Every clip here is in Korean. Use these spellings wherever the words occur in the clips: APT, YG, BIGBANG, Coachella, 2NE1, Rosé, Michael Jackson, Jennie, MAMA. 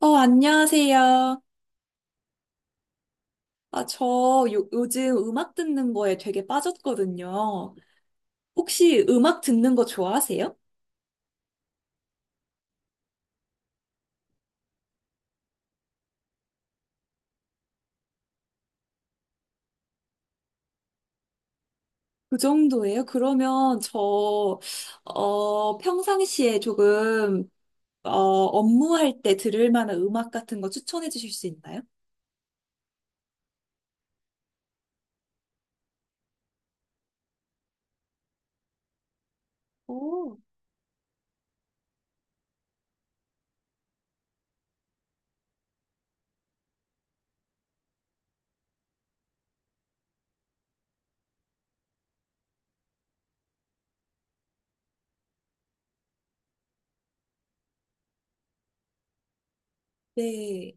안녕하세요. 아, 저 요즘 음악 듣는 거에 되게 빠졌거든요. 혹시 음악 듣는 거 좋아하세요? 그 정도예요? 그러면 평상시에 업무할 때 들을 만한 음악 같은 거 추천해 주실 수 있나요? 오, 네.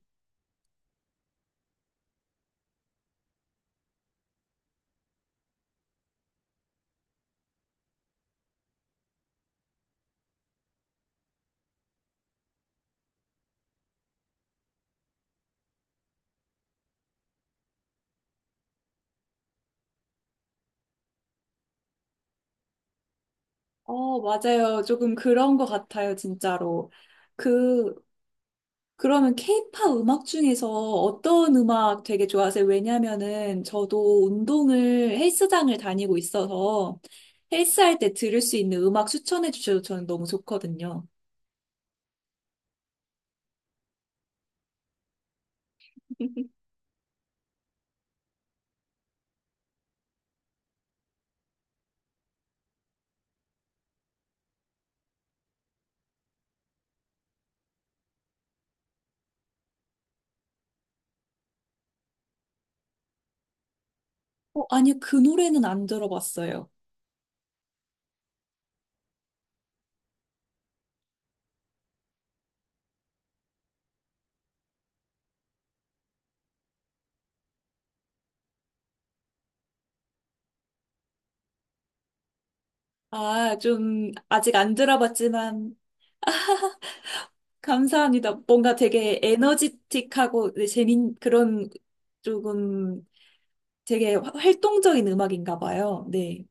어, 맞아요. 조금 그런 것 같아요, 진짜로. 그, 그러면 케이팝 음악 중에서 어떤 음악 되게 좋아하세요? 왜냐면은 저도 운동을 헬스장을 다니고 있어서 헬스할 때 들을 수 있는 음악 추천해 주셔도 저는 너무 좋거든요. 어, 아니요, 그 노래는 안 들어봤어요. 아, 좀 아직 안 들어봤지만 감사합니다. 뭔가 되게 에너지틱하고 네, 재밌 그런 조금 되게 활동적인 음악인가 봐요. 네.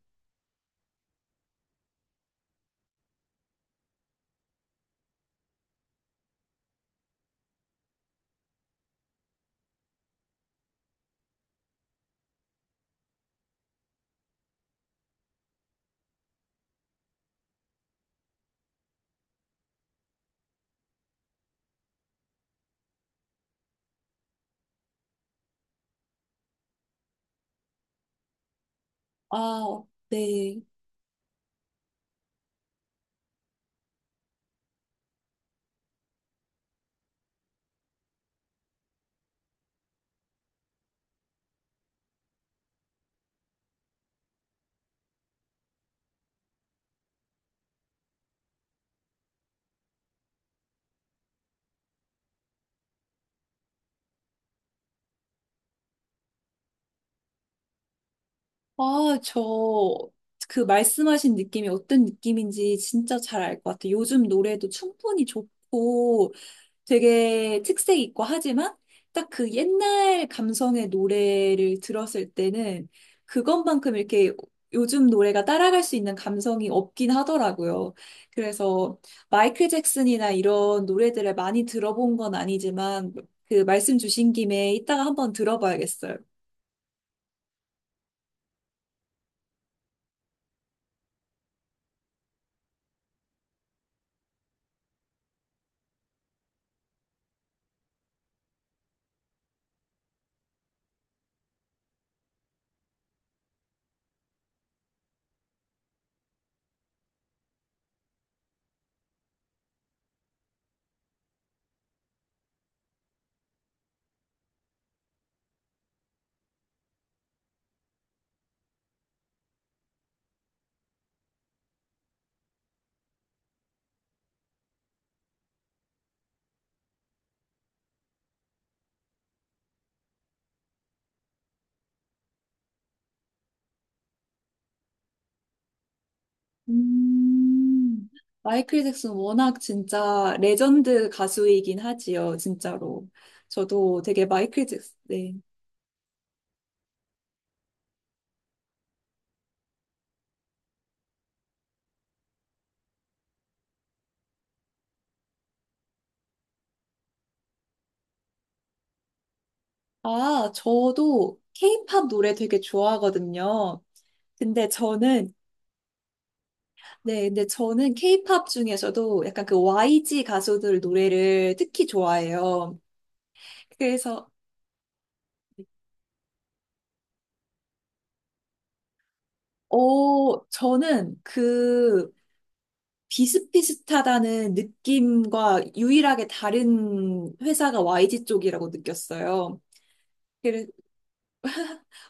아, 네. 아, 저, 그 말씀하신 느낌이 어떤 느낌인지 진짜 잘 알 것 같아요. 요즘 노래도 충분히 좋고 되게 특색 있고 하지만 딱 그 옛날 감성의 노래를 들었을 때는 그것만큼 이렇게 요즘 노래가 따라갈 수 있는 감성이 없긴 하더라고요. 그래서 마이클 잭슨이나 이런 노래들을 많이 들어본 건 아니지만 그 말씀 주신 김에 이따가 한번 들어봐야겠어요. 음, 마이클 잭슨 워낙 진짜 레전드 가수이긴 하지요, 진짜로. 저도 되게 마이클 잭슨, 네. 아, 저도 케이팝 노래 되게 좋아하거든요. 근데 저는, 네, 근데 저는 케이팝 중에서도 약간 그 YG 가수들 노래를 특히 좋아해요. 그래서, 어, 저는 그 비슷비슷하다는 느낌과 유일하게 다른 회사가 YG 쪽이라고 느꼈어요. 그래-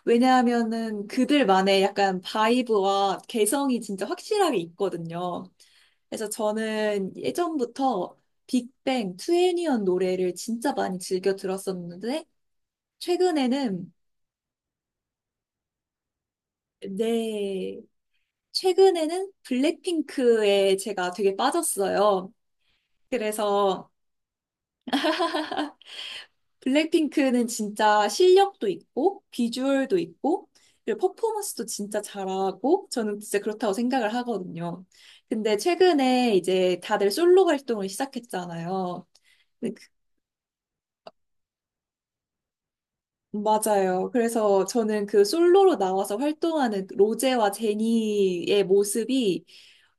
왜냐하면은 그들만의 약간 바이브와 개성이 진짜 확실하게 있거든요. 그래서 저는 예전부터 빅뱅, 투애니언 노래를 진짜 많이 즐겨 들었었는데, 최근에는, 네, 최근에는 블랙핑크에 제가 되게 빠졌어요. 그래서 블랙핑크는 진짜 실력도 있고, 비주얼도 있고, 그리고 퍼포먼스도 진짜 잘하고, 저는 진짜 그렇다고 생각을 하거든요. 근데 최근에 이제 다들 솔로 활동을 시작했잖아요. 맞아요. 그래서 저는 그 솔로로 나와서 활동하는 로제와 제니의 모습이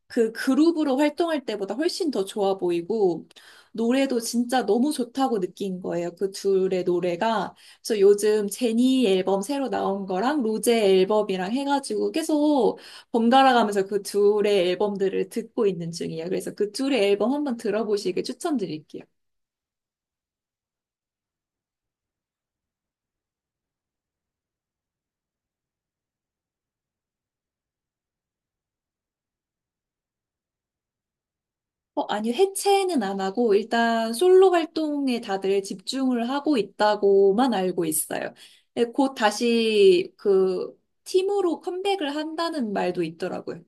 그 그룹으로 활동할 때보다 훨씬 더 좋아 보이고, 노래도 진짜 너무 좋다고 느낀 거예요. 그 둘의 노래가. 그래서 요즘 제니 앨범 새로 나온 거랑 로제 앨범이랑 해가지고 계속 번갈아가면서 그 둘의 앨범들을 듣고 있는 중이에요. 그래서 그 둘의 앨범 한번 들어보시길 추천드릴게요. 어, 아니, 해체는 안 하고, 일단 솔로 활동에 다들 집중을 하고 있다고만 알고 있어요. 네, 곧 다시 그 팀으로 컴백을 한다는 말도 있더라고요.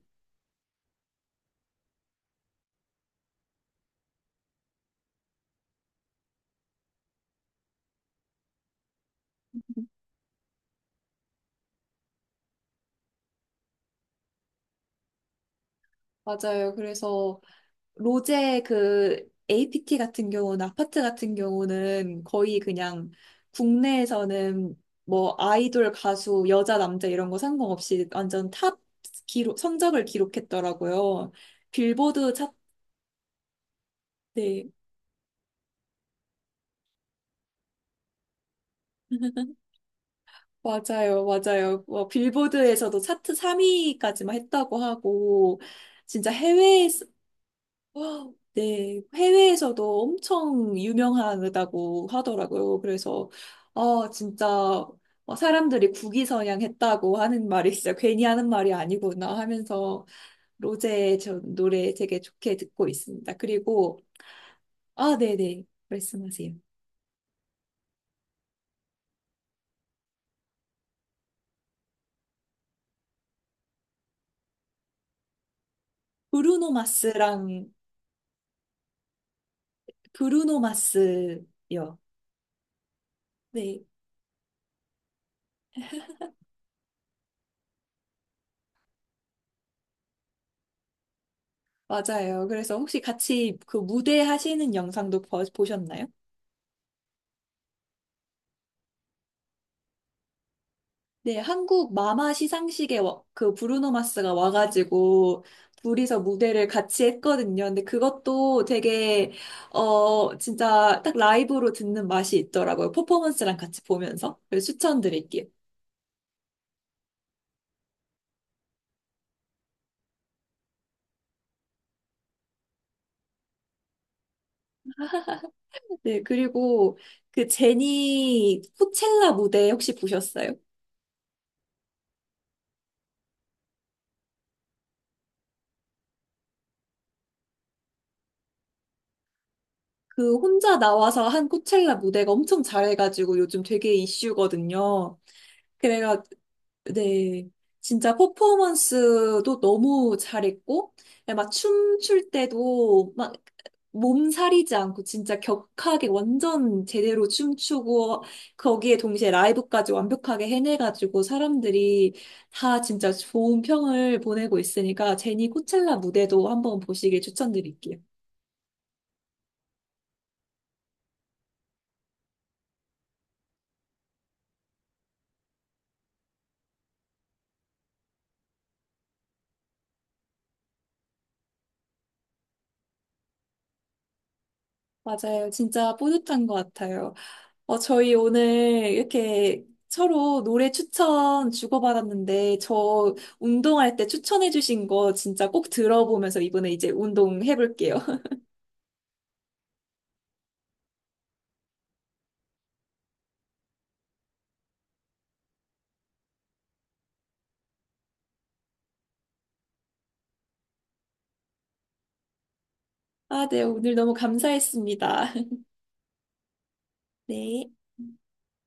맞아요. 그래서 로제 그 APT 같은 경우는, 아파트 같은 경우는 거의 그냥 국내에서는 뭐 아이돌, 가수, 여자, 남자 이런 거 상관없이 완전 탑 기록, 성적을 기록했더라고요. 빌보드 차트. 네. 맞아요, 맞아요. 뭐 빌보드에서도 차트 3위까지만 했다고 하고, 진짜 해외에서, 와, 네, 해외에서도 엄청 유명하다고 하더라고요. 아, 진짜, 어, 사람들이 국위선양 했다고 하는 말이 진짜 괜히 하는 말이 아니구나 하면서, 로제 저 노래 되게 좋게 듣고 있습니다. 아, 네네, 말씀하세요. 브루노 마스랑, 브루노 마스요. 네. 맞아요. 그래서 혹시 같이 그 무대 하시는 영상도 보셨나요? 네, 한국 마마 시상식에 그 브루노 마스가 와가지고 둘이서 무대를 같이 했거든요. 근데 그것도 되게 어 진짜 딱 라이브로 듣는 맛이 있더라고요. 퍼포먼스랑 같이 보면서. 그래서 추천드릴게요. 네, 그리고 그 제니 코첼라 무대 혹시 보셨어요? 그 혼자 나와서 한 코첼라 무대가 엄청 잘해가지고 요즘 되게 이슈거든요. 그래가 네. 진짜 퍼포먼스도 너무 잘했고, 막 춤출 때도 막 몸살이지 않고 진짜 격하게 완전 제대로 춤추고, 거기에 동시에 라이브까지 완벽하게 해내가지고 사람들이 다 진짜 좋은 평을 보내고 있으니까 제니 코첼라 무대도 한번 보시길 추천드릴게요. 맞아요. 진짜 뿌듯한 것 같아요. 저희 오늘 이렇게 서로 노래 추천 주고받았는데, 저 운동할 때 추천해주신 거 진짜 꼭 들어보면서 이번에 이제 운동해볼게요. 아, 네, 오늘 너무 감사했습니다. 네.